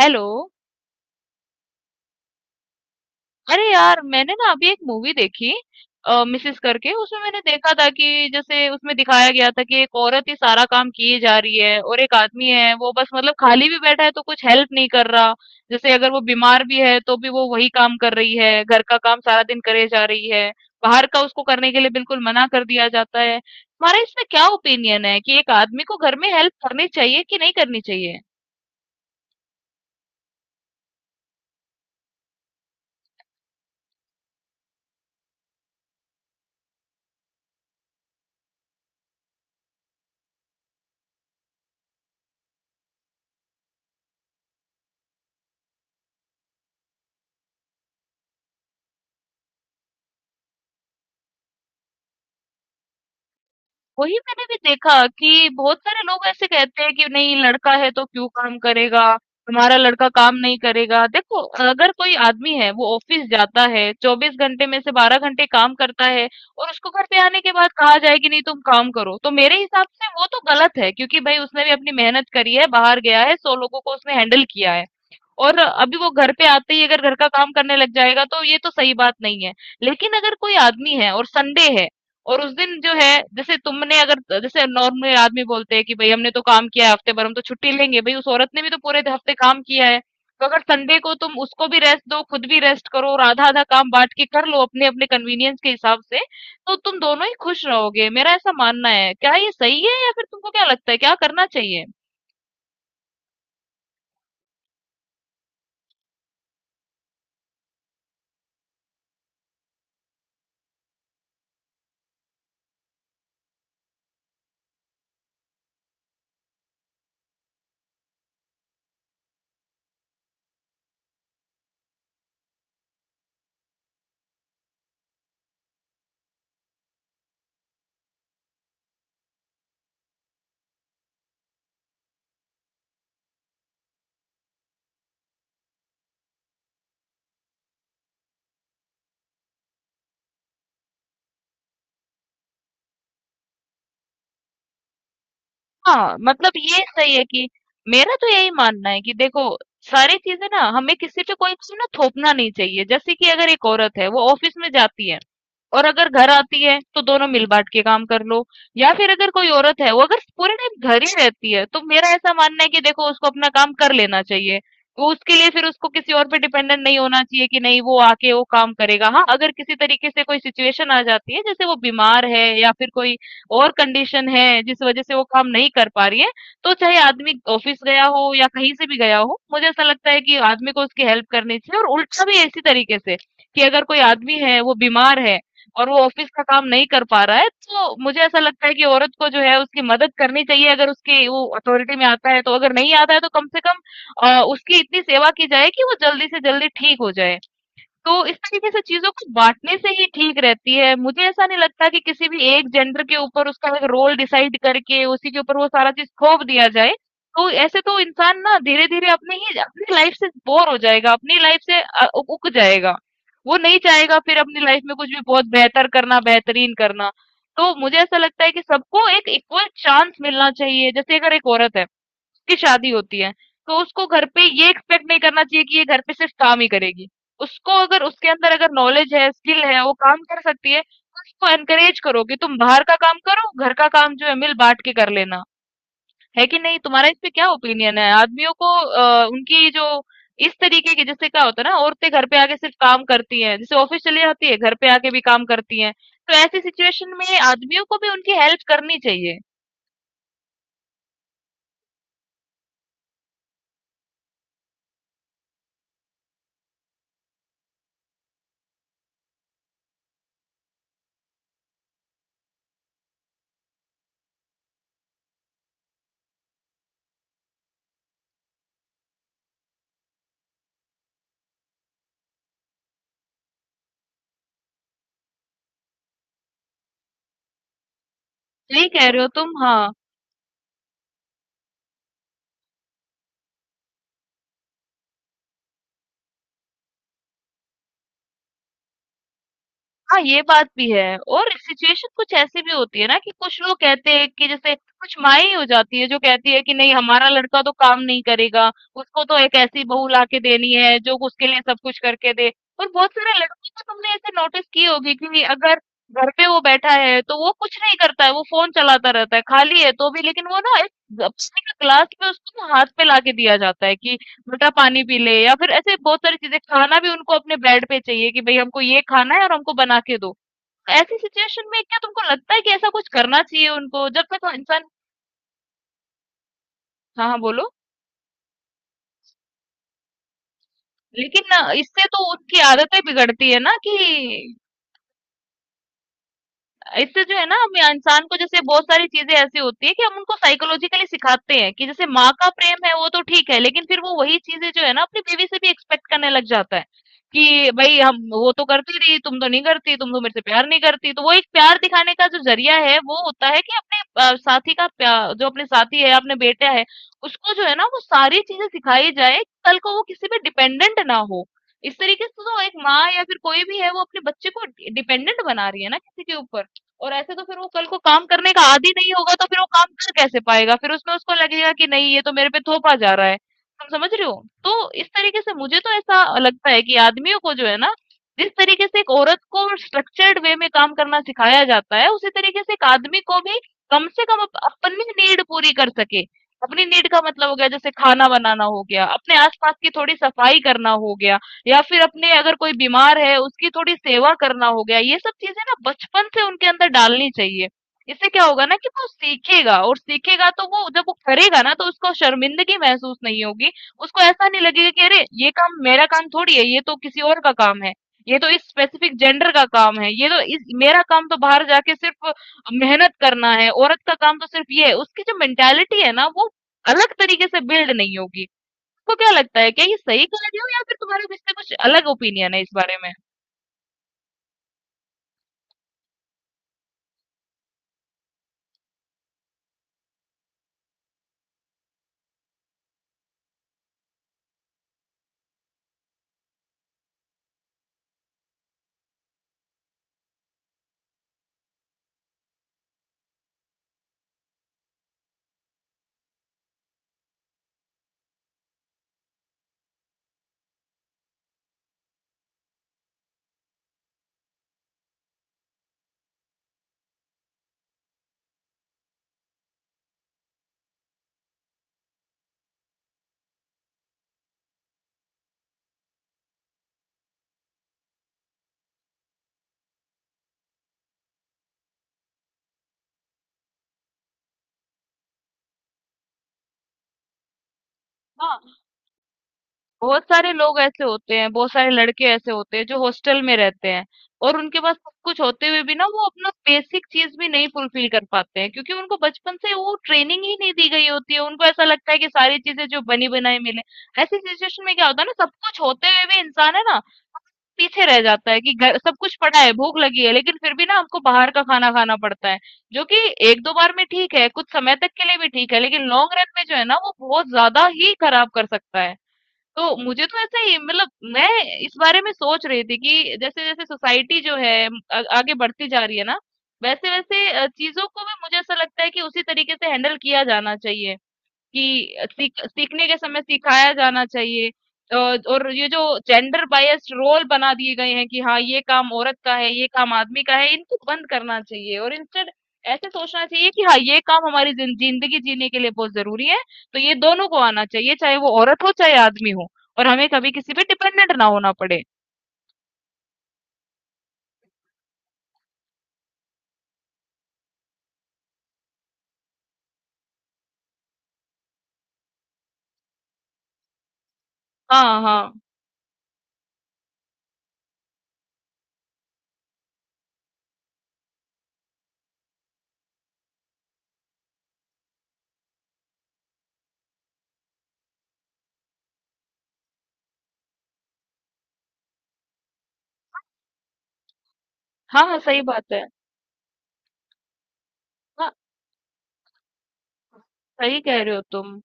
Hello. अरे यार मैंने ना अभी एक मूवी देखी मिसेस करके, उसमें मैंने देखा था कि जैसे उसमें दिखाया गया था कि एक औरत ही सारा काम किए जा रही है और एक आदमी है वो बस मतलब खाली भी बैठा है तो कुछ हेल्प नहीं कर रहा। जैसे अगर वो बीमार भी है तो भी वो वही काम कर रही है, घर का काम सारा दिन करे जा रही है। बाहर का उसको करने के लिए बिल्कुल मना कर दिया जाता है। तुम्हारा इसमें क्या ओपिनियन है कि एक आदमी को घर में हेल्प करनी चाहिए कि नहीं करनी चाहिए? वही मैंने भी देखा कि बहुत सारे लोग ऐसे कहते हैं कि नहीं, लड़का है तो क्यों काम करेगा, हमारा लड़का काम नहीं करेगा। देखो, अगर कोई आदमी है वो ऑफिस जाता है, 24 घंटे में से 12 घंटे काम करता है, और उसको घर पे आने के बाद कहा जाए कि नहीं तुम काम करो, तो मेरे हिसाब से वो तो गलत है, क्योंकि भाई उसने भी अपनी मेहनत करी है, बाहर गया है, 100 लोगों को उसने हैंडल किया है। और अभी वो घर पे आते ही अगर घर का काम करने लग जाएगा तो ये तो सही बात नहीं है। लेकिन अगर कोई आदमी है और संडे है और उस दिन जो है, जैसे तुमने अगर जैसे नॉर्मल आदमी बोलते हैं कि भाई हमने तो काम किया है हफ्ते भर, हम तो छुट्टी लेंगे, भाई उस औरत ने भी तो पूरे हफ्ते काम किया है। तो अगर संडे को तुम उसको भी रेस्ट दो, खुद भी रेस्ट करो और आधा आधा काम बांट के कर लो, अपने अपने कन्वीनियंस के हिसाब से। तो तुम दोनों ही खुश रहोगे, मेरा ऐसा मानना है। क्या ये सही है या फिर तुमको क्या लगता है क्या करना चाहिए? हाँ, मतलब ये सही है कि मेरा तो यही मानना है कि देखो, सारी चीजें ना, हमें किसी पे कोई चीज ना थोपना नहीं चाहिए। जैसे कि अगर एक औरत है, वो ऑफिस में जाती है और अगर घर आती है, तो दोनों मिल बांट के काम कर लो। या फिर अगर कोई औरत है, वो अगर पूरे टाइम घर ही रहती है, तो मेरा ऐसा मानना है कि देखो उसको अपना काम कर लेना चाहिए। वो उसके लिए फिर उसको किसी और पे डिपेंडेंट नहीं होना चाहिए कि नहीं वो आके वो काम करेगा। हाँ, अगर किसी तरीके से कोई सिचुएशन आ जाती है जैसे वो बीमार है या फिर कोई और कंडीशन है जिस वजह से वो काम नहीं कर पा रही है, तो चाहे आदमी ऑफिस गया हो या कहीं से भी गया हो, मुझे ऐसा लगता है कि आदमी को उसकी हेल्प करनी चाहिए। और उल्टा भी इसी तरीके से, कि अगर कोई आदमी है, वो बीमार है और वो ऑफिस का काम नहीं कर पा रहा है, तो मुझे ऐसा लगता है कि औरत को जो है उसकी मदद करनी चाहिए, अगर उसकी वो अथॉरिटी में आता है तो, अगर नहीं आता है तो कम से कम उसकी इतनी सेवा की जाए कि वो जल्दी से जल्दी ठीक हो जाए। तो इस तरीके से चीज़ों को बाँटने से ही ठीक रहती है। मुझे ऐसा नहीं लगता कि किसी भी एक जेंडर के ऊपर उसका एक रोल डिसाइड करके उसी के ऊपर वो सारा चीज़ थोप दिया जाए। तो ऐसे तो इंसान ना धीरे-धीरे अपनी ही अपनी लाइफ़ से बोर हो जाएगा, अपनी लाइफ़ से अ, उ ऊब जाएगा। वो नहीं चाहेगा फिर अपनी लाइफ़ में कुछ भी बहुत बेहतर करना, बेहतरीन करना। तो मुझे ऐसा लगता है कि सबको एक इक्वल चांस मिलना चाहिए। जैसे अगर एक औरत है की शादी होती है, तो उसको घर पे ये एक्सपेक्ट नहीं करना चाहिए कि ये घर पे सिर्फ काम ही करेगी। उसको अगर उसके अंदर अगर नॉलेज है, स्किल है, वो काम कर सकती है, तो उसको एनकरेज करो कि तुम बाहर का काम करो, घर का काम जो है मिल बाँट के कर लेना। है कि नहीं? तुम्हारा इस पे क्या ओपिनियन है? आदमियों को उनकी जो इस तरीके की, जैसे क्या होता है ना, औरतें घर पे आके सिर्फ काम करती हैं, जैसे ऑफिस चली जाती है, घर पे आके भी काम करती हैं। तो ऐसी सिचुएशन में आदमियों को भी उनकी हेल्प करनी चाहिए। सही कह रहे हो तुम, हाँ। हाँ, ये बात भी है, और सिचुएशन कुछ ऐसी भी होती है ना कि कुछ लोग कहते हैं कि जैसे कुछ माई हो जाती है जो कहती है कि नहीं हमारा लड़का तो काम नहीं करेगा, उसको तो एक ऐसी बहू लाके देनी है जो उसके लिए सब कुछ करके दे। और बहुत सारे लड़कों को तुमने ऐसे नोटिस की होगी कि अगर घर पे वो बैठा है तो वो कुछ नहीं करता है, वो फोन चलाता रहता है, खाली है तो भी, लेकिन वो ना एक पानी का ग्लास भी उसको ना हाथ पे लाके दिया जाता है कि मीठा पानी पी ले, या फिर ऐसे बहुत सारी चीजें। खाना भी उनको अपने बेड पे चाहिए कि भाई हमको ये खाना है और हमको बना के दो। ऐसी सिचुएशन में क्या तुमको लगता है कि ऐसा कुछ करना चाहिए उनको जब तक वो इंसान। हाँ हाँ बोलो। लेकिन इससे तो उनकी आदतें बिगड़ती है ना, कि इससे जो है ना, हम इंसान को जैसे बहुत सारी चीजें ऐसी होती है कि हम उनको साइकोलॉजिकली सिखाते हैं कि जैसे माँ का प्रेम है वो तो ठीक है, लेकिन फिर वो वही चीजें जो है ना अपनी बीवी से भी एक्सपेक्ट करने लग जाता है कि भाई हम वो तो करती रही, तुम तो नहीं करती, तुम तो मेरे से प्यार नहीं करती। तो वो एक प्यार दिखाने का जो जरिया है वो होता है कि अपने साथी का जो अपने साथी है अपने बेटा है, उसको जो है ना वो सारी चीजें सिखाई जाए कि कल को वो किसी पे डिपेंडेंट ना हो। इस तरीके से तो एक माँ या फिर कोई भी है वो अपने बच्चे को डिपेंडेंट बना रही है ना किसी के ऊपर। और ऐसे तो फिर वो कल को काम करने का आदी नहीं होगा, तो फिर वो काम कर कैसे पाएगा? फिर उसमें उसको लगेगा कि नहीं ये तो मेरे पे थोपा जा रहा है। तुम समझ रहे हो, तो इस तरीके से मुझे तो ऐसा लगता है कि आदमियों को जो है ना, जिस तरीके से एक औरत को स्ट्रक्चर्ड वे में काम करना सिखाया जाता है, उसी तरीके से एक आदमी को भी कम से कम अपनी नीड पूरी कर सके। अपनी नीड का मतलब हो गया जैसे खाना बनाना हो गया, अपने आसपास की थोड़ी सफाई करना हो गया, या फिर अपने अगर कोई बीमार है उसकी थोड़ी सेवा करना हो गया। ये सब चीजें ना बचपन से उनके अंदर डालनी चाहिए। इससे क्या होगा ना, कि वो सीखेगा, और सीखेगा तो वो जब वो करेगा ना, तो उसको शर्मिंदगी महसूस नहीं होगी। उसको ऐसा नहीं लगेगा कि अरे ये काम, मेरा काम थोड़ी है, ये तो किसी और का काम है, ये तो इस स्पेसिफिक जेंडर का काम है, ये तो इस मेरा काम तो बाहर जाके सिर्फ मेहनत करना है, औरत का काम तो सिर्फ ये है। उसकी जो मेंटेलिटी है ना वो अलग तरीके से बिल्ड नहीं होगी। आपको क्या लगता है, क्या ये सही कह रही हूँ या फिर तुम्हारा इससे कुछ अलग ओपिनियन है इस बारे में? हाँ, बहुत सारे लोग ऐसे होते हैं, बहुत सारे लड़के ऐसे होते हैं जो हॉस्टल में रहते हैं और उनके पास सब कुछ होते हुए भी ना वो अपना बेसिक चीज भी नहीं फुलफिल कर पाते हैं, क्योंकि उनको बचपन से वो ट्रेनिंग ही नहीं दी गई होती है। उनको ऐसा लगता है कि सारी चीजें जो बनी बनाई मिले। ऐसी सिचुएशन में क्या होता है ना, सब कुछ होते हुए भी इंसान है ना पीछे रह जाता है कि घर सब कुछ पड़ा है, भूख लगी है, लेकिन फिर भी ना हमको बाहर का खाना खाना पड़ता है, जो कि एक दो बार में ठीक है, कुछ समय तक के लिए भी ठीक है, लेकिन लॉन्ग रन में जो है ना वो बहुत ज्यादा ही खराब कर सकता है। तो मुझे तो ऐसा ही, मतलब मैं इस बारे में सोच रही थी कि जैसे जैसे सोसाइटी जो है आगे बढ़ती जा रही है ना, वैसे वैसे चीजों को भी मुझे ऐसा लगता है कि उसी तरीके से हैंडल किया जाना चाहिए, कि सीख सीखने के समय सिखाया जाना चाहिए। अ, और ये जो जेंडर बायस्ड रोल बना दिए गए हैं कि हाँ ये काम औरत का है, ये काम आदमी का है, इनको बंद करना चाहिए, और इंस्टेड ऐसे सोचना चाहिए कि हाँ ये काम हमारी जिंदगी जीने के लिए बहुत जरूरी है। तो ये दोनों को आना चाहिए, चाहे वो औरत हो चाहे आदमी हो, और हमें कभी किसी पे डिपेंडेंट ना होना पड़े। हाँ हाँ, हाँ हाँ, सही बात है। हाँ, सही कह रहे हो तुम।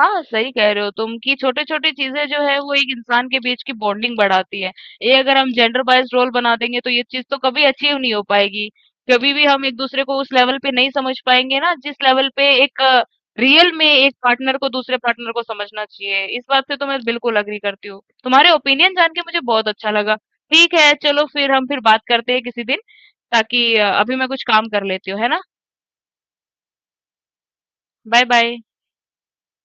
हाँ, सही कह रहे हो तुम कि छोटे छोटे चीजें जो है वो एक इंसान के बीच की बॉन्डिंग बढ़ाती है। ये अगर हम जेंडर बाइज रोल बना देंगे तो ये चीज तो कभी अचीव नहीं हो पाएगी। कभी भी हम एक दूसरे को उस लेवल पे नहीं समझ पाएंगे ना जिस लेवल पे एक रियल में एक पार्टनर को दूसरे पार्टनर को समझना चाहिए। इस बात से तो मैं बिल्कुल अग्री करती हूँ। तुम्हारे ओपिनियन जान के मुझे बहुत अच्छा लगा। ठीक है, चलो फिर हम फिर बात करते हैं किसी दिन, ताकि अभी मैं कुछ काम कर लेती हूँ, है ना। Bye bye.